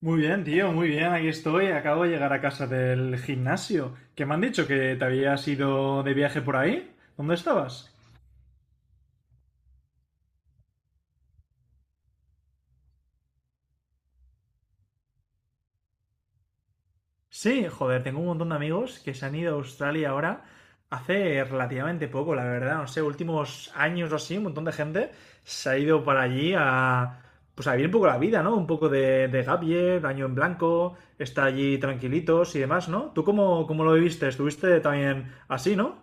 Muy bien, tío, muy bien, aquí estoy. Acabo de llegar a casa del gimnasio. ¿Qué me han dicho? ¿Que te habías ido de viaje por ahí? ¿Dónde estabas? Sí, joder, tengo un montón de amigos que se han ido a Australia ahora hace relativamente poco, la verdad, no sé, últimos años o así, un montón de gente se ha ido para allí a pues a vivir un poco la vida, ¿no? Un poco de, gap year, año en blanco, estar allí tranquilitos y demás, ¿no? ¿Tú cómo lo viviste? Estuviste también así, ¿no?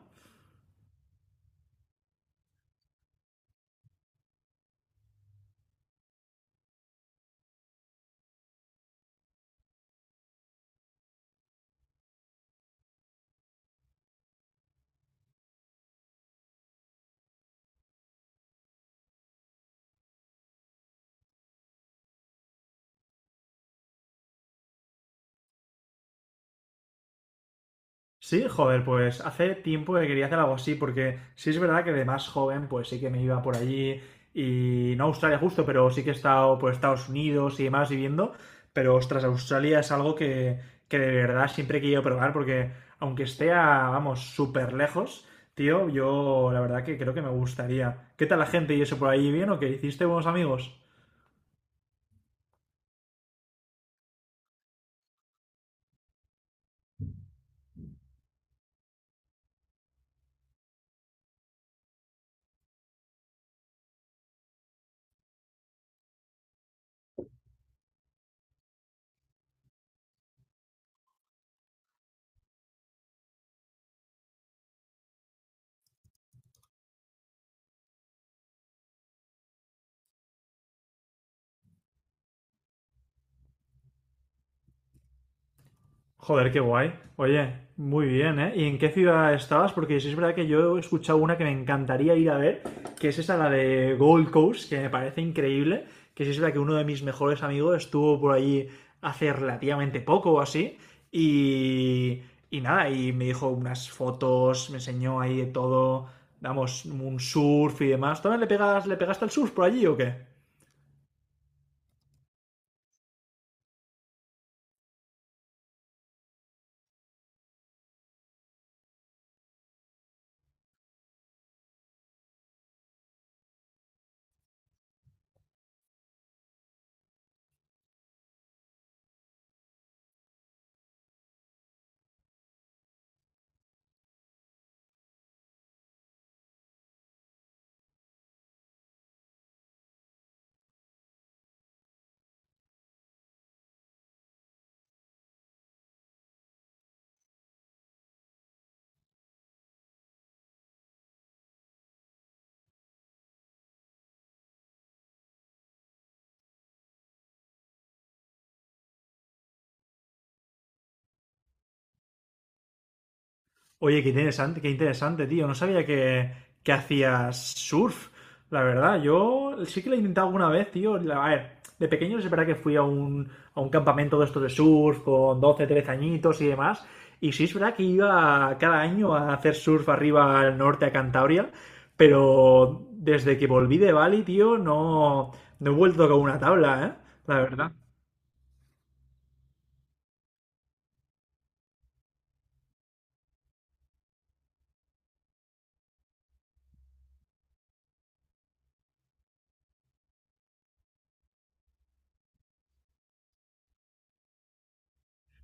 Sí, joder, pues hace tiempo que quería hacer algo así, porque sí es verdad que de más joven, pues sí que me iba por allí y no a Australia justo, pero sí que he estado por Estados Unidos y demás viviendo, pero ostras, Australia es algo que de verdad siempre he querido probar, porque aunque esté a, vamos, súper lejos, tío, yo la verdad que creo que me gustaría. ¿Qué tal la gente y eso por ahí? ¿Bien o qué? ¿Hiciste buenos amigos? Joder, qué guay. Oye, muy bien, ¿eh? ¿Y en qué ciudad estabas? Porque sí es verdad que yo he escuchado una que me encantaría ir a ver, que es esa, la de Gold Coast, que me parece increíble, que sí es verdad que uno de mis mejores amigos estuvo por allí hace relativamente poco o así, y, y nada, y me dijo unas fotos, me enseñó ahí de todo, vamos, un surf y demás. ¿También le pegaste al surf por allí o qué? Oye, qué interesante, tío. No sabía que hacías surf, la verdad. Yo sí que lo he intentado alguna vez, tío. A ver, de pequeño es verdad que fui a un campamento de estos de surf con 12 13 añitos y demás. Y sí es verdad que iba cada año a hacer surf arriba al norte, a Cantabria. Pero desde que volví de Bali, tío, no he vuelto con una tabla, ¿eh? La verdad.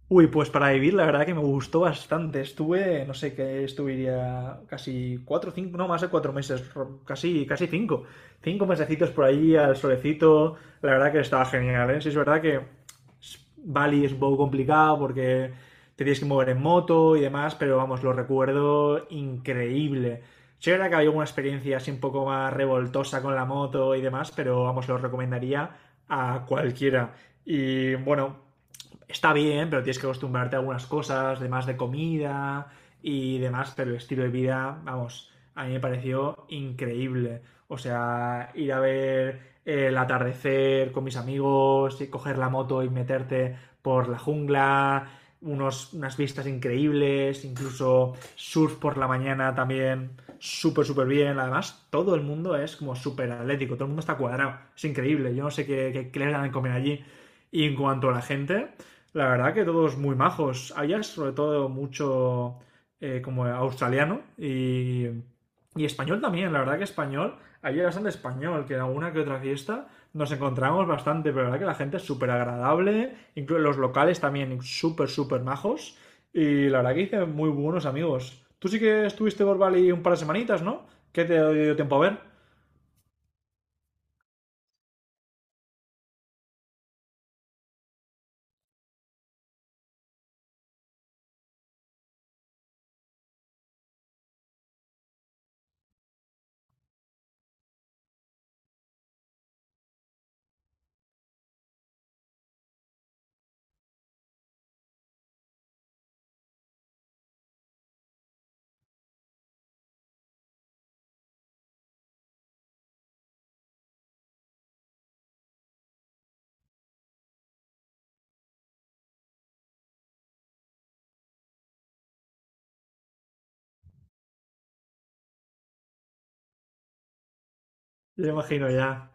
Uy, pues para vivir, la verdad que me gustó bastante. Estuve, no sé, que estuviría casi cuatro, cinco, no, más de cuatro meses, casi, casi cinco. Cinco mesecitos por ahí al solecito. La verdad que estaba genial, ¿eh? Sí, es verdad que Bali es un poco complicado porque te tienes que mover en moto y demás, pero vamos, lo recuerdo increíble. Sí, es verdad que había una experiencia así un poco más revoltosa con la moto y demás, pero vamos, lo recomendaría a cualquiera. Y bueno, está bien, pero tienes que acostumbrarte a algunas cosas, demás de comida y demás, pero el estilo de vida, vamos, a mí me pareció increíble. O sea, ir a ver el atardecer con mis amigos, y coger la moto y meterte por la jungla, unas vistas increíbles, incluso surf por la mañana también, súper, súper bien. Además, todo el mundo es como súper atlético, todo el mundo está cuadrado, es increíble. Yo no sé qué les dan de comer allí. Y en cuanto a la gente, la verdad que todos muy majos. Allá sobre todo mucho como australiano y español también. La verdad que español, allí había bastante español, que en alguna que otra fiesta nos encontramos bastante, pero la verdad que la gente es súper agradable, incluso los locales también súper, súper majos. Y la verdad que hice muy buenos amigos. Tú sí que estuviste por Bali un par de semanitas, ¿no? ¿Qué te dio tiempo a ver? Yo imagino ya.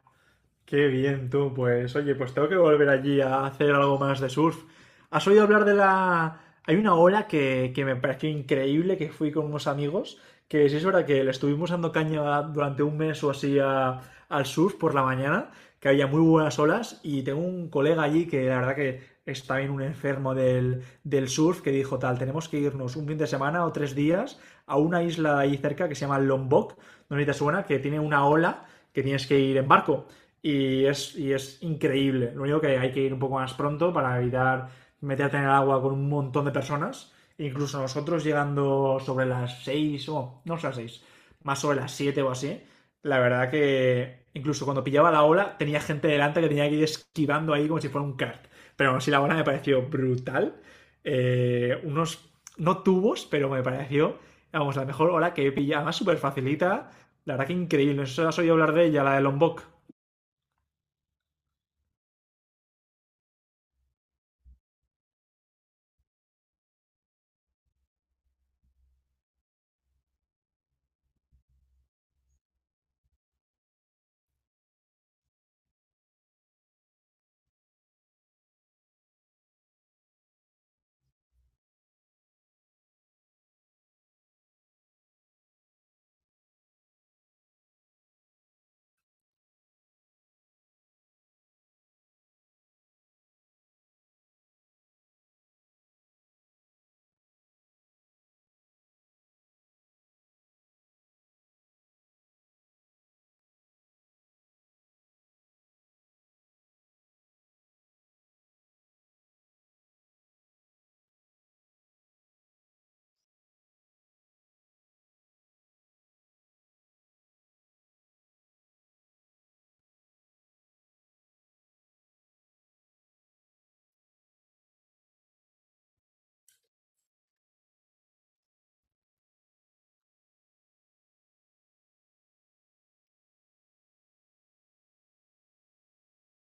Qué bien tú, pues oye, pues tengo que volver allí a hacer algo más de surf. ¿Has oído hablar de la... Hay una ola que me pareció increíble, que fui con unos amigos, que sí es verdad que le estuvimos dando caña durante un mes o así al surf por la mañana, que había muy buenas olas, y tengo un colega allí que la verdad que es también un enfermo del surf, que dijo tal, tenemos que irnos un fin de semana o tres días a una isla ahí cerca que se llama Lombok, no sé si te suena, que tiene una ola que tienes que ir en barco y y es increíble. Lo único que hay que ir un poco más pronto para evitar meterte en el agua con un montón de personas. E incluso nosotros llegando sobre las 6 no sé las 6 más sobre las 7 o así. La verdad que incluso cuando pillaba la ola tenía gente delante que tenía que ir esquivando ahí como si fuera un kart. Pero aún así la ola me pareció brutal. Eh, unos, no tubos, pero me pareció, vamos, la mejor ola que he pillado. Además, súper facilita. La verdad que increíble. No sé si has oído hablar de ella, la de Lombok.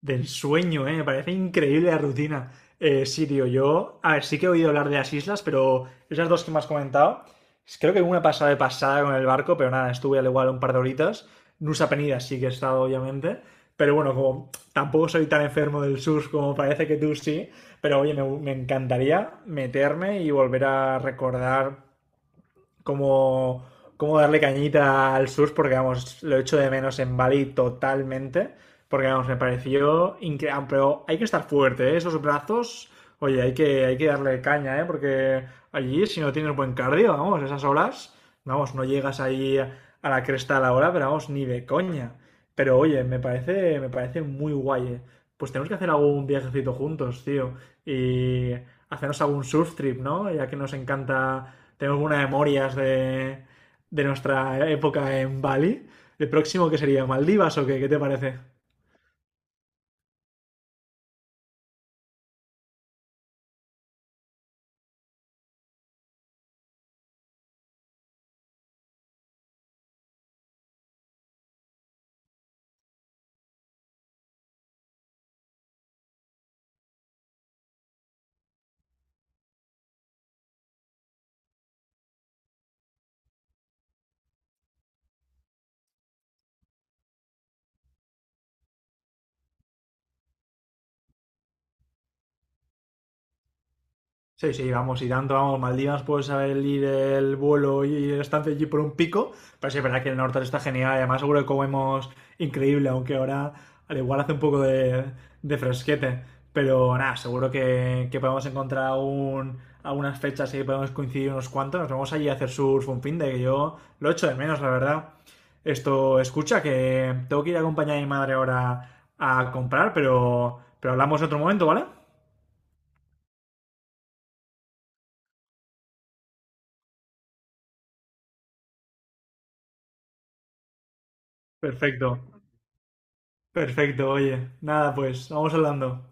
Del sueño, ¿eh? Me parece increíble la rutina. Sí, tío, yo. A ver, sí que he oído hablar de las islas, pero esas dos que me has comentado. Creo que una pasada de pasada con el barco, pero nada, estuve al igual un par de horitas. Nusa Penida sí que he estado, obviamente. Pero bueno, como tampoco soy tan enfermo del sur como parece que tú sí, pero oye, me encantaría meterme y volver a recordar como, como darle cañita al SUS porque, vamos, lo echo de menos en Bali totalmente. Porque, vamos, me pareció increíble. Pero hay que estar fuerte, ¿eh? Esos brazos, oye, hay que darle caña, ¿eh? Porque allí, si no tienes buen cardio, vamos, esas horas, vamos, no llegas ahí a la cresta a la hora, pero vamos, ni de coña. Pero oye, me parece muy guay, ¿eh? Pues tenemos que hacer algún viajecito juntos, tío. Y hacernos algún surf trip, ¿no? Ya que nos encanta, tenemos unas memorias de nuestra época en Bali. ¿El próximo que sería? ¿Maldivas o qué? ¿Qué te parece? Sí, sí, vamos, y tanto, vamos, Maldivas puede salir el vuelo y el estancia allí por un pico, pero sí es verdad que el norte está genial, y además seguro que comemos increíble, aunque ahora al igual hace un poco de fresquete, pero nada, seguro que podemos encontrar un, algunas fechas y podemos coincidir unos cuantos, nos vamos allí a hacer surf un fin de que yo lo echo de menos, la verdad. Esto, escucha, que tengo que ir a acompañar a mi madre ahora a comprar, pero hablamos en otro momento, ¿vale? Perfecto. Perfecto, oye. Nada, pues, vamos hablando.